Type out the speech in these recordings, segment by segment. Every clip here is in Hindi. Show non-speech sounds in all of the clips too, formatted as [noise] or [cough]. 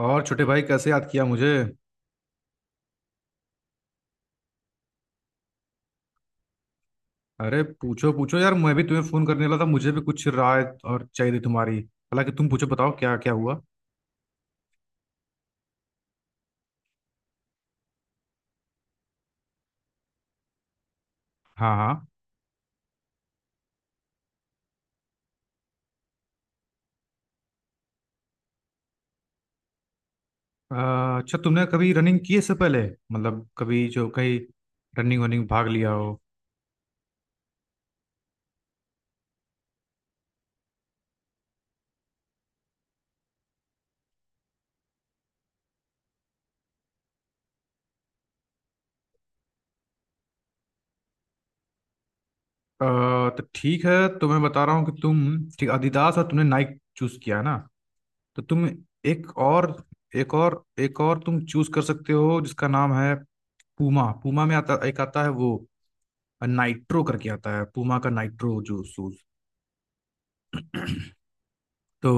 और छोटे भाई कैसे याद किया मुझे? अरे पूछो पूछो यार, मैं भी तुम्हें फोन करने वाला था। मुझे भी कुछ राय और चाहिए थी तुम्हारी, हालांकि तुम पूछो, बताओ क्या क्या हुआ। हाँ हाँ। अच्छा, तुमने कभी रनिंग की है इससे पहले? मतलब कभी जो कहीं रनिंग वनिंग भाग लिया हो तो ठीक है, तो मैं बता रहा हूँ कि तुम ठीक adidas और तुमने नाइक चूज किया है ना। तो तुम एक और एक और तुम चूज कर सकते हो, जिसका नाम है पूमा। पूमा में आता, एक आता है वो नाइट्रो करके आता है, पूमा का नाइट्रो जो शूज। तो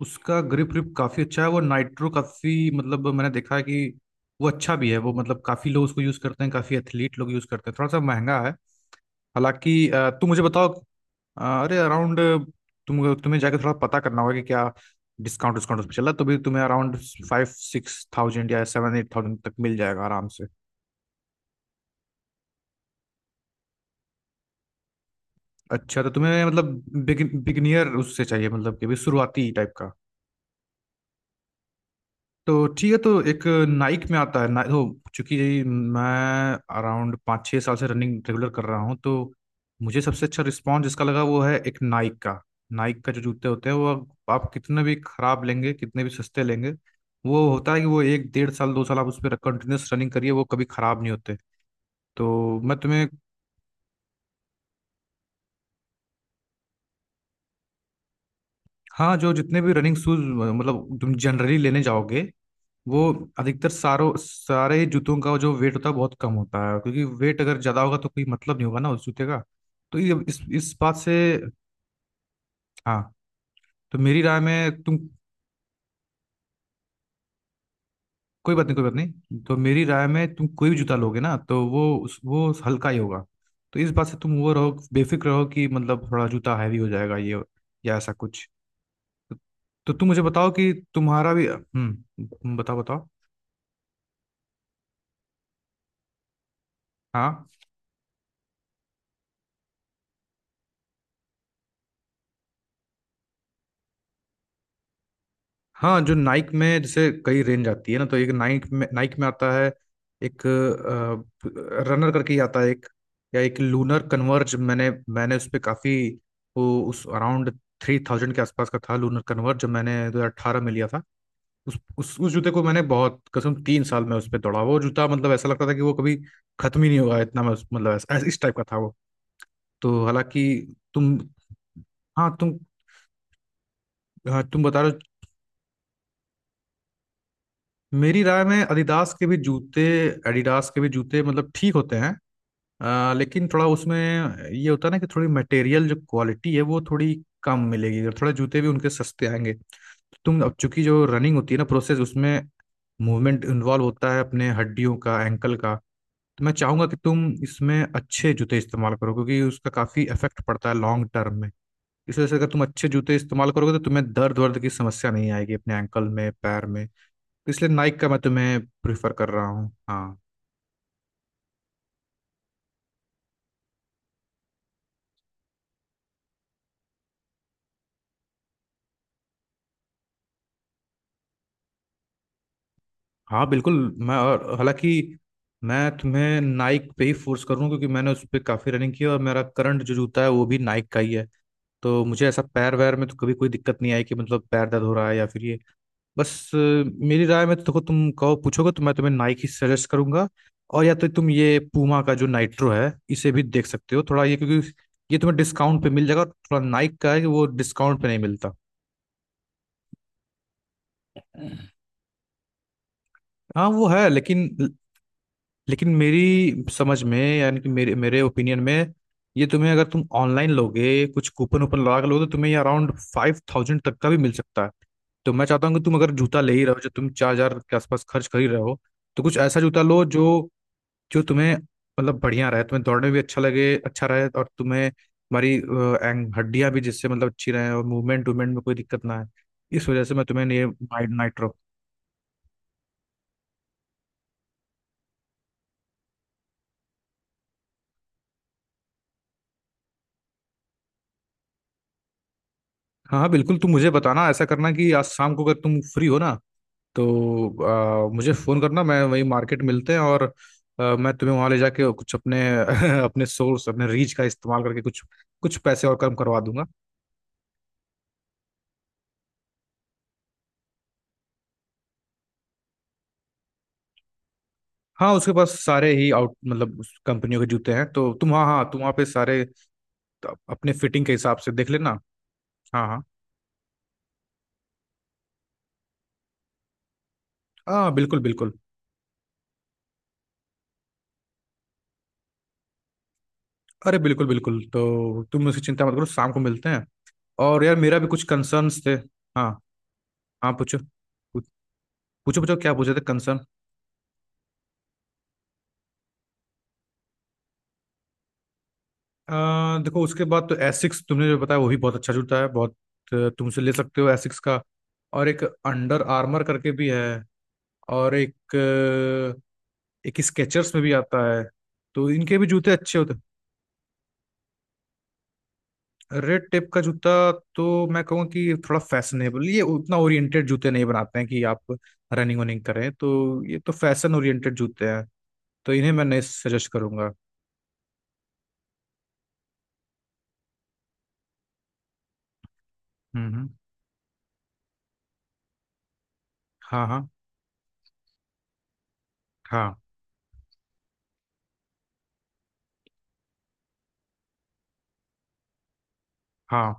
उसका ग्रिप ग्रिप काफी अच्छा है। वो नाइट्रो काफी, मतलब मैंने देखा है कि वो अच्छा भी है। वो मतलब काफी लोग उसको यूज करते हैं, काफी एथलीट लोग यूज करते हैं। थोड़ा सा महंगा है, हालांकि तुम मुझे बताओ। अरे, अराउंड, तुम्हें जाके थोड़ा पता करना होगा कि क्या डिस्काउंट डिस्काउंट उस पर चला, तो भी तुम्हें अराउंड 5000-6000 या 7000-8000 तक मिल जाएगा आराम से। अच्छा, तो तुम्हें मतलब बिगिनियर उससे चाहिए, मतलब कि अभी शुरुआती टाइप का। तो ठीक है, तो एक नाइक में आता है ना। तो चूंकि मैं अराउंड 5-6 साल से रनिंग रेगुलर कर रहा हूँ, तो मुझे सबसे अच्छा रिस्पॉन्स जिसका लगा वो है एक नाइक का। नाइक का जो जूते होते हैं वो, आप कितने भी खराब लेंगे, कितने भी सस्ते लेंगे, वो होता है कि वो एक 1.5 साल 2 साल आप उस पर कंटिन्यूस रनिंग करिए, वो कभी खराब नहीं होते। तो मैं तुम्हें, हाँ जो जितने भी रनिंग शूज, मतलब तुम जनरली लेने जाओगे, वो अधिकतर सारों सारे ही जूतों का जो वेट होता है बहुत कम होता है। क्योंकि वेट अगर ज्यादा होगा तो कोई मतलब नहीं होगा ना उस जूते का। तो ये इस बात से, हाँ, तो मेरी राय में तुम कोई बात नहीं, कोई बात नहीं, तो मेरी राय में तुम कोई भी जूता लोगे ना, तो वो उस- वो हल्का ही होगा। तो इस बात से तुम वो रहो, बेफिक्र रहो कि मतलब थोड़ा जूता हैवी हो जाएगा ये या ऐसा कुछ। तो तो तुम मुझे बताओ कि तुम्हारा भी, हम्म, बताओ बताओ। हाँ, हाँ जो नाइक में जैसे कई रेंज आती है ना, तो एक नाइक में आता है एक रनर करके ही आता है। एक या एक लूनर कन्वर्ज, मैंने मैंने उस पर काफ़ी, वो उस अराउंड 3,000 के आसपास का था। लूनर कन्वर्ज जो मैंने 2018 में लिया था, उस जूते को मैंने बहुत कसम 3 साल में उस पर दौड़ा। वो जूता मतलब ऐसा लगता था कि वो कभी खत्म ही नहीं होगा, इतना मैं उस- मतलब ऐसा- इस टाइप का था वो। तो हालांकि तुम, हाँ तुम, हाँ, तुम बता रहे हो। मेरी राय में adidas के भी जूते, एडिडास के भी जूते मतलब ठीक होते हैं लेकिन थोड़ा उसमें ये होता है ना कि थोड़ी मटेरियल जो क्वालिटी है वो थोड़ी कम मिलेगी, और थोड़ा जूते भी उनके सस्ते आएंगे। तो तुम अब, चूंकि जो रनिंग होती है ना प्रोसेस, उसमें मूवमेंट इन्वॉल्व होता है अपने हड्डियों का, एंकल का। तो मैं चाहूंगा कि तुम इसमें अच्छे जूते इस्तेमाल करो, क्योंकि उसका काफी इफेक्ट पड़ता है लॉन्ग टर्म में। इस वजह से अगर तुम अच्छे जूते इस्तेमाल करोगे तो तुम्हें दर्द वर्द की समस्या नहीं आएगी अपने एंकल में, पैर में। इसलिए नाइक का मैं तुम्हें प्रेफर कर रहा हूँ, हाँ। हाँ बिल्कुल। मैं, और हालांकि मैं तुम्हें नाइक पे ही फोर्स करूँ, क्योंकि मैंने उस पर काफ़ी रनिंग की है और मेरा करंट जो जूता है वो भी नाइक का ही है। तो मुझे ऐसा पैर वैर में तो कभी कोई दिक्कत नहीं आई कि मतलब पैर दर्द हो रहा है या फिर ये। बस मेरी राय में तो देखो, तुम कहो, पूछोगे तो मैं तुम्हें नाइक ही सजेस्ट करूंगा। और या तो तुम ये पूमा का जो नाइट्रो है इसे भी देख सकते हो, थोड़ा ये, क्योंकि ये तुम्हें डिस्काउंट पे मिल जाएगा, और थोड़ा नाइक का है कि वो डिस्काउंट पे नहीं मिलता। हाँ वो है, लेकिन, लेकिन मेरी समझ में यानी कि मेरे मेरे ओपिनियन में ये तुम्हें, अगर तुम ऑनलाइन लोगे, कुछ कूपन वूपन लगा के लोगे, तो तुम्हें ये अराउंड 5,000 तक का भी मिल सकता है। तो मैं चाहता हूँ कि तुम अगर जूता ले ही रहे हो, जो तुम 4,000 के आसपास खर्च कर ही रहे हो, तो कुछ ऐसा जूता लो जो, जो तुम्हें मतलब बढ़िया रहे, तुम्हें दौड़ने में भी अच्छा लगे, अच्छा रहे, और तुम्हें हमारी हड्डियां भी जिससे मतलब अच्छी रहे, और मूवमेंट वूवमेंट में कोई दिक्कत ना आए। इस वजह से मैं तुम्हें ये नाइट्रो। हाँ हाँ बिल्कुल, तुम मुझे बताना, ऐसा करना कि आज शाम को अगर तुम फ्री हो ना, तो मुझे फ़ोन करना, मैं वही मार्केट मिलते हैं। और मैं तुम्हें वहाँ ले जाके कुछ अपने [laughs] अपने सोर्स, अपने रीच का इस्तेमाल करके कुछ कुछ पैसे और कम करवा दूंगा। हाँ, उसके पास सारे ही आउट, मतलब उस कंपनियों के जूते हैं, तो तुम, हाँ हाँ, तुम वहाँ पे सारे त- अपने फिटिंग के हिसाब से देख लेना। हाँ हाँ, हाँ बिल्कुल बिल्कुल, अरे बिल्कुल बिल्कुल। तो तुम उसकी चिंता मत करो, शाम को मिलते हैं। और यार मेरा भी कुछ कंसर्न्स थे। हाँ हाँ पूछो, पूछो क्या पूछे थे कंसर्न? देखो, उसके बाद तो एसिक्स तुमने जो बताया वो भी बहुत अच्छा जूता है बहुत। तुम उसे ले सकते हो एसिक्स का। और एक अंडर आर्मर करके भी है। और एक एक स्केचर्स में भी आता है। तो इनके भी जूते अच्छे होते हैं। रेड टेप का जूता, तो मैं कहूँगा कि थोड़ा फैशनेबल ये, उतना ओरिएंटेड जूते नहीं बनाते हैं कि आप रनिंग वनिंग करें। तो ये तो फैशन ओरिएंटेड जूते हैं, तो इन्हें मैं नहीं सजेस्ट करूंगा। हम्म हम्म, हाँ हाँ, हाँ हाँ,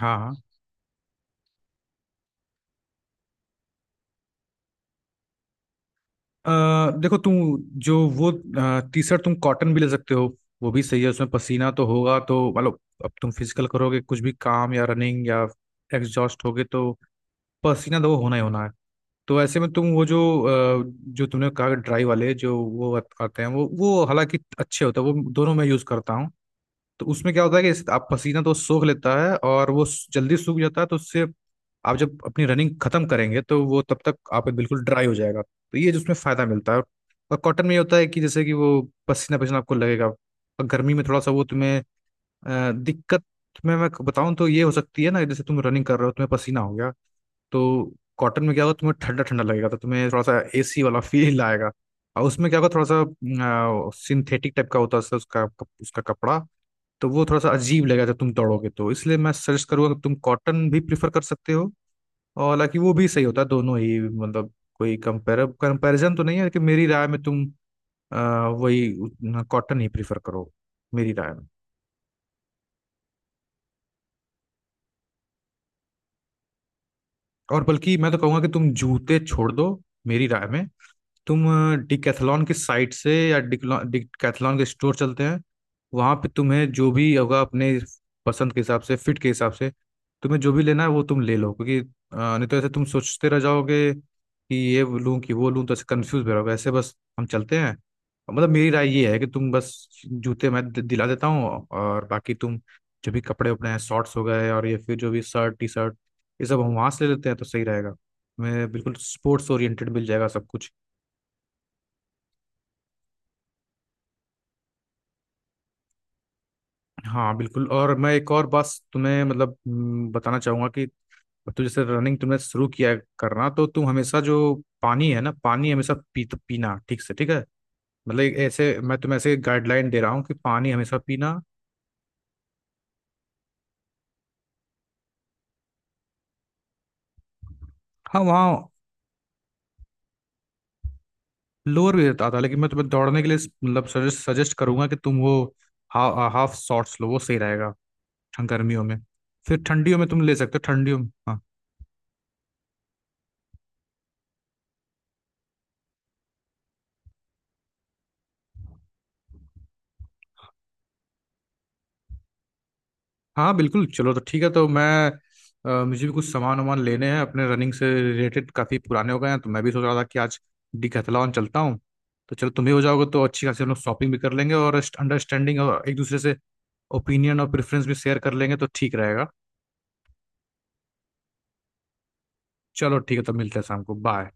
हाँ हाँ, देखो, तुम जो वो टी शर्ट तुम कॉटन भी ले सकते हो, वो भी सही है, उसमें पसीना तो होगा तो मतलब, अब तुम फिजिकल करोगे कुछ भी काम या रनिंग या एग्जॉस्ट होगे, तो पसीना तो वो होना ही होना है। तो ऐसे में तुम वो जो जो तुमने कहा ड्राई वाले जो वो आत- आते हैं, वो हालांकि अच्छे होते हैं, वो दोनों मैं यूज़ करता हूँ। तो उसमें क्या होता है कि इस- आप पसीना तो सोख लेता है, और वो स- जल्दी सूख जाता है। तो उससे आप जब अपनी रनिंग खत्म करेंगे तो वो तब तक आपका बिल्कुल ड्राई हो जाएगा, तो ये जिसमें फायदा मिलता है। और कॉटन में ये होता है कि जैसे कि वो पसीना पसीना आपको लगेगा, और गर्मी में थोड़ा सा वो तुम्हें दिक्कत में मैं बताऊं तो ये हो सकती है ना, जैसे तुम रनिंग कर रहे हो, तुम्हें पसीना हो गया, तो कॉटन में क्या होगा, तुम्हें ठंडा ठंडा लगेगा, तो तुम्हें थोड़ा सा एसी वाला फील आएगा। और उसमें क्या होगा, थोड़ा सा सिंथेटिक टाइप का होता है उसका उसका उसका कपड़ा। तो वो थोड़ा सा अजीब लगेगा जब तुम दौड़ोगे, तो इसलिए मैं सजेस्ट करूंगा कि तुम कॉटन भी प्रिफर कर सकते हो। और हालांकि वो भी सही होता है, दोनों ही मतलब कोई कंपेयर कंपैरिजन तो नहीं है, लेकिन मेरी राय में तुम वही कॉटन ही प्रिफर करो, मेरी राय में। और बल्कि मैं तो कहूंगा कि तुम जूते छोड़ दो। मेरी राय में तुम डिकैथलॉन की साइट से या डिकैथलॉन के स्टोर चलते हैं, वहाँ पे तुम्हें जो भी होगा अपने पसंद के हिसाब से, फिट के हिसाब से, तुम्हें जो भी लेना है वो तुम ले लो। क्योंकि नहीं तो ऐसे तुम सोचते रह जाओगे कि ये लूं कि वो लूं, तो ऐसे कंफ्यूज भी रहोगे। ऐसे बस हम चलते हैं, मतलब मेरी राय ये है कि तुम बस जूते मैं दिला देता हूँ, और बाकी तुम जो भी कपड़े उपड़े हैं, शॉर्ट्स हो गए और ये फिर जो भी शर्ट टी शर्ट, ये सब हम वहाँ से ले लेते हैं तो सही रहेगा। मैं बिल्कुल स्पोर्ट्स ओरिएंटेड मिल जाएगा सब कुछ। हाँ बिल्कुल, और मैं एक और बात तुम्हें मतलब, बताना चाहूंगा कि तू, जैसे रनिंग तुमने शुरू किया है करना, तो तुम हमेशा जो पानी है ना, पानी हमेशा पी पीना ठीक से, ठीक है। मतलब एक ऐसे मैं तुम्हें ऐसे गाइडलाइन दे रहा हूँ कि पानी हमेशा पीना। हाँ वहाँ लोअर भी रहता था, लेकिन मैं तुम्हें दौड़ने के लिए मतलब सजेस्ट सजेस्ट करूंगा कि तुम वो हाफ शॉर्ट्स लो, वो सही रहेगा ठं- गर्मियों में। फिर ठंडियों में तुम ले सकते हो ठंडियों में, हाँ। हाँ बिल्कुल, चलो तो ठीक है, तो मैं मुझे भी कुछ सामान वामान लेने हैं अपने रनिंग से रिलेटेड, काफ़ी पुराने हो गए हैं, तो मैं भी सोच रहा था कि आज डिकैथलॉन चलता हूँ। तो चलो, तुम भी हो जाओगे तो अच्छी खासी हम लोग शॉपिंग भी कर लेंगे, और अंडरस्टैंडिंग और एक दूसरे से ओपिनियन और प्रेफरेंस भी शेयर कर लेंगे, तो ठीक रहेगा। चलो ठीक है, तो मिलते हैं शाम को, बाय।